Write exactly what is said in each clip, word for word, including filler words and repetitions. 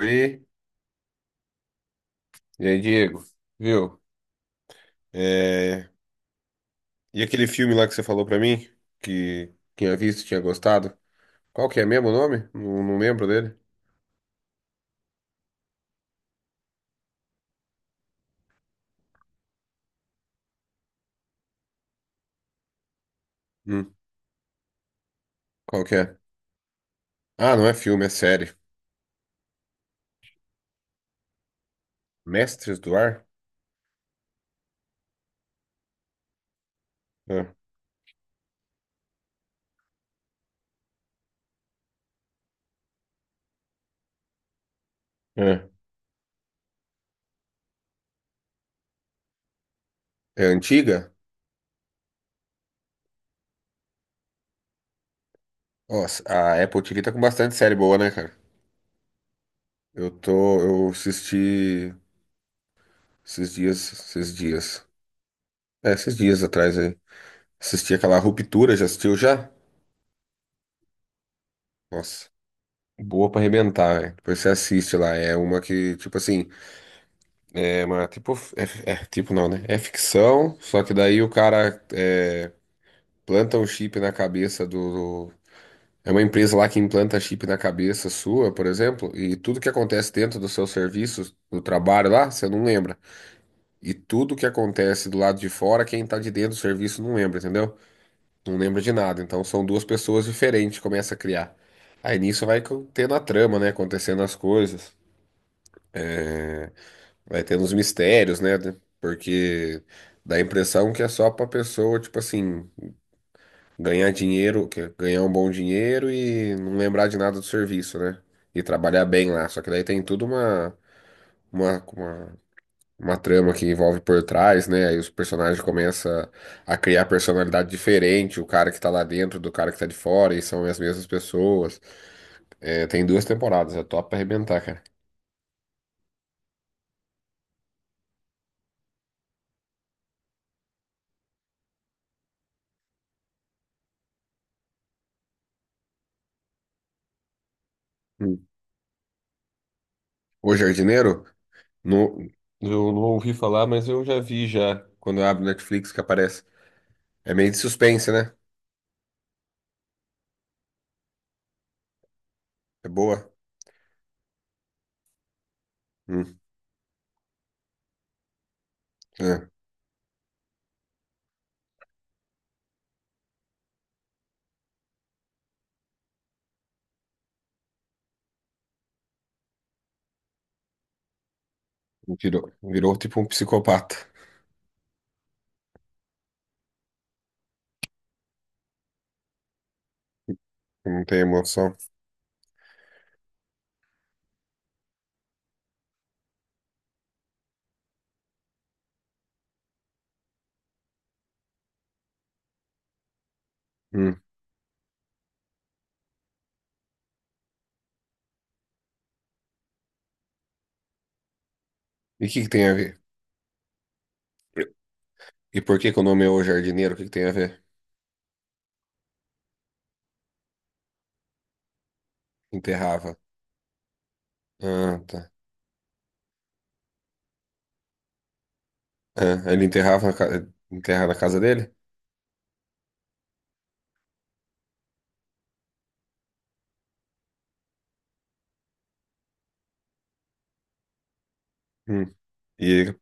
E, e aí, Diego, viu? É, E aquele filme lá que você falou pra mim, que tinha visto, tinha gostado, qual que é mesmo o nome? Não, não lembro dele. Hum, qual que é? Ah, não é filme, é série. Mestres do Ar? É, é. É antiga? Nossa, a Apple T V tá com bastante série boa, né, cara? Eu tô, eu assisti esses dias, esses dias, é, esses dias atrás aí. Assisti aquela Ruptura, já assistiu já? Nossa. Boa pra arrebentar, velho. Depois você assiste lá. É uma que, tipo assim, é uma tipo. É, é tipo não, né? É ficção, só que daí o cara é, planta um chip na cabeça do. do- É uma empresa lá que implanta chip na cabeça sua, por exemplo, e tudo que acontece dentro do seu serviço, do trabalho lá, você não lembra. E tudo que acontece do lado de fora, quem tá de dentro do serviço não lembra, entendeu? Não lembra de nada. Então são duas pessoas diferentes, que começa a criar. Aí nisso vai co- tendo a trama, né? Acontecendo as coisas. Vai tendo uns mistérios, né? Porque dá a impressão que é só pra pessoa, tipo assim, ganhar dinheiro, que é ganhar um bom dinheiro e não lembrar de nada do serviço, né? E trabalhar bem lá. Só que daí tem tudo uma, uma, uma, uma trama que envolve por trás, né? Aí os personagens começam a criar personalidade diferente, o cara que tá lá dentro do cara que tá de fora, e são as mesmas pessoas. É, tem duas temporadas, é top pra arrebentar, cara. Hum. O Jardineiro? Não, eu não ouvi falar, mas eu já vi já. Quando eu abro Netflix que aparece. É meio de suspense, né? É boa. Hum, é. Virou, virou tipo um psicopata. Não tem emoção. Hum. E o que que tem a ver? E por que que o nome é O Jardineiro? O que que tem a ver? Enterrava. Ah, tá. Ah, ele enterrava na, ca- enterra na casa dele? Hum. E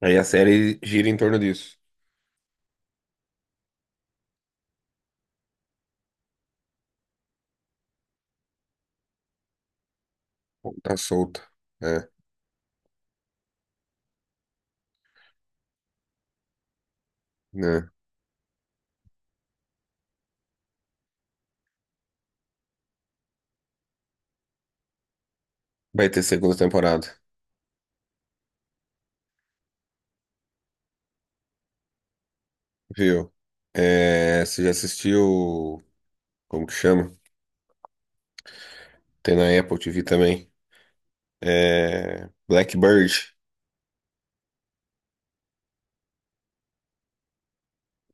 aí a série gira em torno disso. Tá solta. É, né? Vai ter segunda temporada. Viu? É, você já assistiu. Como que chama? Tem na Apple T V também. É, Blackbird.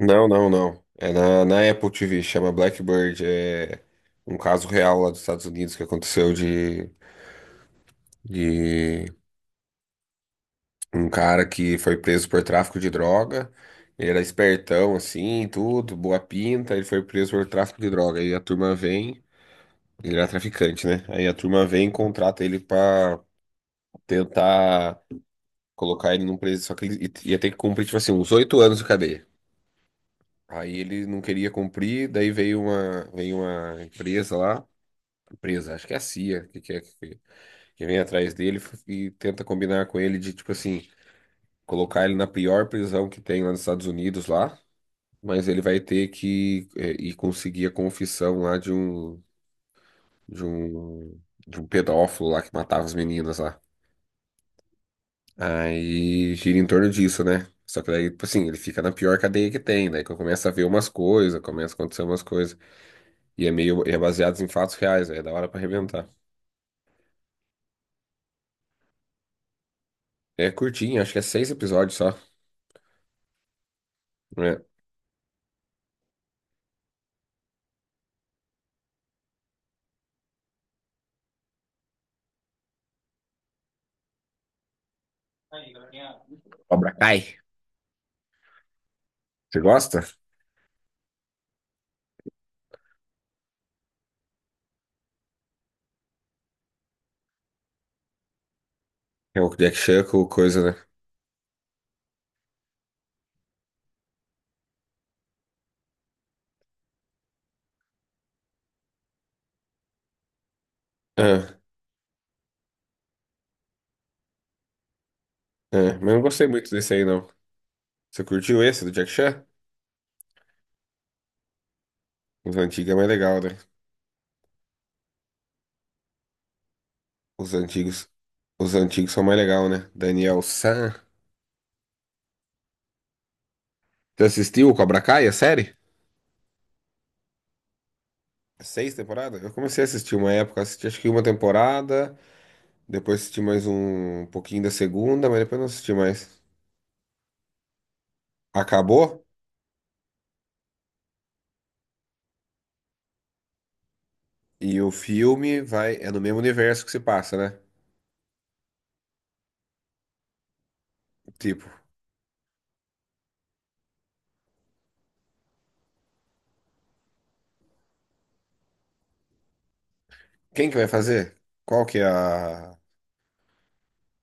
Não, não, não. É na, na Apple T V, chama Blackbird. É um caso real lá dos Estados Unidos que aconteceu de, de um cara que foi preso por tráfico de droga. Ele era espertão, assim, tudo, boa pinta. Ele foi preso por tráfico de droga. Aí a turma vem. Ele era traficante, né? Aí a turma vem e contrata ele pra tentar. Colocar ele num preso, só que ele ia ter que cumprir, tipo assim, uns oito anos de cadeia. Aí ele não queria cumprir, daí veio uma, veio uma empresa lá, empresa, acho que é a C I A, que, que, é- que, que vem atrás dele e tenta combinar com ele de, tipo assim, colocar ele na pior prisão que tem lá nos Estados Unidos lá, mas ele vai ter que é, ir conseguir a confissão lá de um, de um, de um pedófilo lá que matava as meninas lá. Aí gira em torno disso, né? Só que daí, tipo assim, ele fica na pior cadeia que tem, daí que eu começo a ver umas coisas, começa a acontecer umas coisas. E é meio, é baseado em fatos reais, aí é da hora pra arrebentar. É curtinho, acho que é seis episódios só. Né? Cobra Kai. Você gosta? É o Jack Chan com coisa, né? Ah, ah, mas eu não gostei muito desse aí, não. Você curtiu esse do Jack Chan? Os antigos é mais legal, né? Os antigos, os antigos são mais legal, né? Daniel San. Você assistiu o Cobra Kai, a série? Seis temporadas? Eu comecei a assistir uma época, assisti acho que uma temporada, depois assisti mais um pouquinho da segunda, mas depois não assisti mais. Acabou e o filme vai, é no mesmo universo que se passa, né? Tipo, quem que vai fazer? Qual que é a,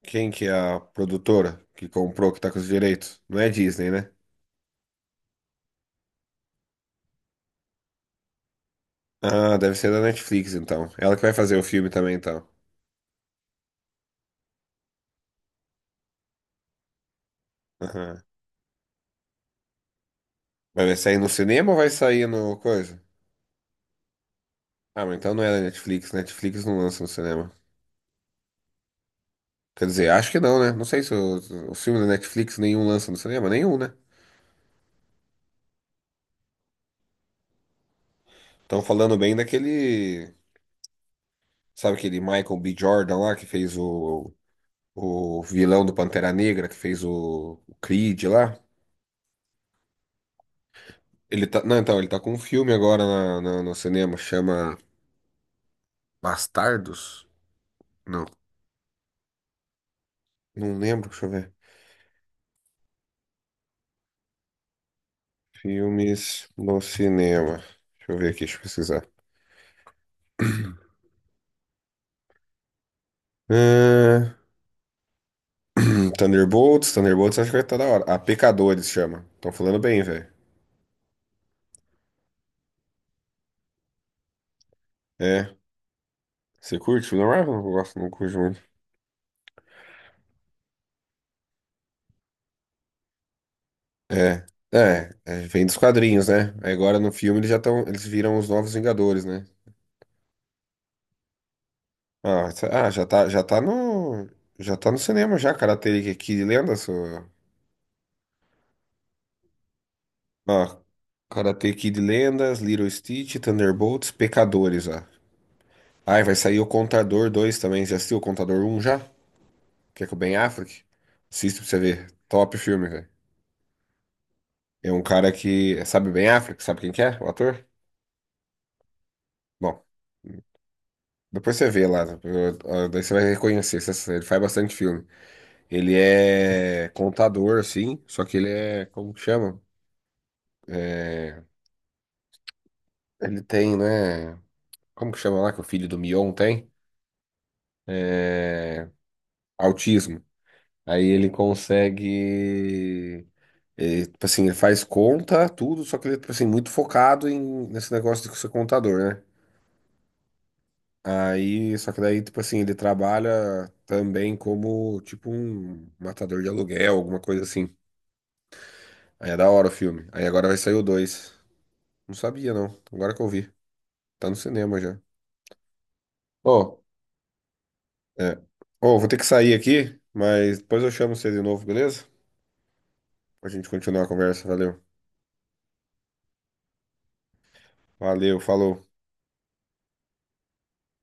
quem que é a produtora que comprou, que tá com os direitos? Não é Disney, né? Ah, deve ser da Netflix, então. Ela que vai fazer o filme também, então. Aham. Mas vai sair no cinema ou vai sair no coisa? Ah, mas então não é da Netflix. Netflix não lança no cinema. Quer dizer, acho que não, né? Não sei se os os filmes da Netflix nenhum lança no cinema, nenhum, né? Estão falando bem daquele, sabe aquele Michael B. Jordan lá que fez o, o vilão do Pantera Negra, que fez o, o Creed lá. Ele tá, não, então, ele tá com um filme agora na, na- no cinema, chama Bastardos? Não, não lembro, deixa eu ver. Filmes no cinema. Deixa eu ver aqui, deixa eu pesquisar. Ah, Thunderbolts, Thunderbolts acho que vai estar da hora. A Pecadores chama. Estão falando bem, velho. É. Você curte o William Marvel? Eu gosto, não curto muito. É. É, é, vem dos quadrinhos, né? Aí agora no filme eles já estão, eles viram os novos Vingadores, né? Ah, tá- ah, já tá, já tá no, já tá no cinema já, Karate Kid Lendas, ó. Ó, Karate Kid Lendas, Little Stitch, Thunderbolts, Pecadores, ó. Ai, vai sair o Contador dois também. Já assistiu o Contador um já? Que é com o Ben Affleck? Assista pra você ver. Top filme, velho. É um cara que. Sabe o Ben Affleck? Sabe quem que é? O ator? Bom, depois você vê lá, eu- daí você vai reconhecer. essa- Ele faz bastante filme. Ele é contador, assim, só que ele é, como que chama? É, ele tem, né? Como que chama lá que o filho do Mion tem? Autismo. Aí ele consegue. Ele, tipo assim, ele faz conta, tudo, só que ele é, tipo assim, muito focado em, nesse negócio de ser contador, né? Aí, só que daí, tipo assim, ele trabalha também como, tipo, um matador de aluguel, alguma coisa assim. Aí é da hora o filme. Aí agora vai sair o dois. Não sabia, não. Agora que eu vi. Tá no cinema já. Ô, é. Ô, vou ter que sair aqui, mas depois eu chamo você de novo, beleza? Pra gente continuar a conversa. Valeu. Valeu, falou.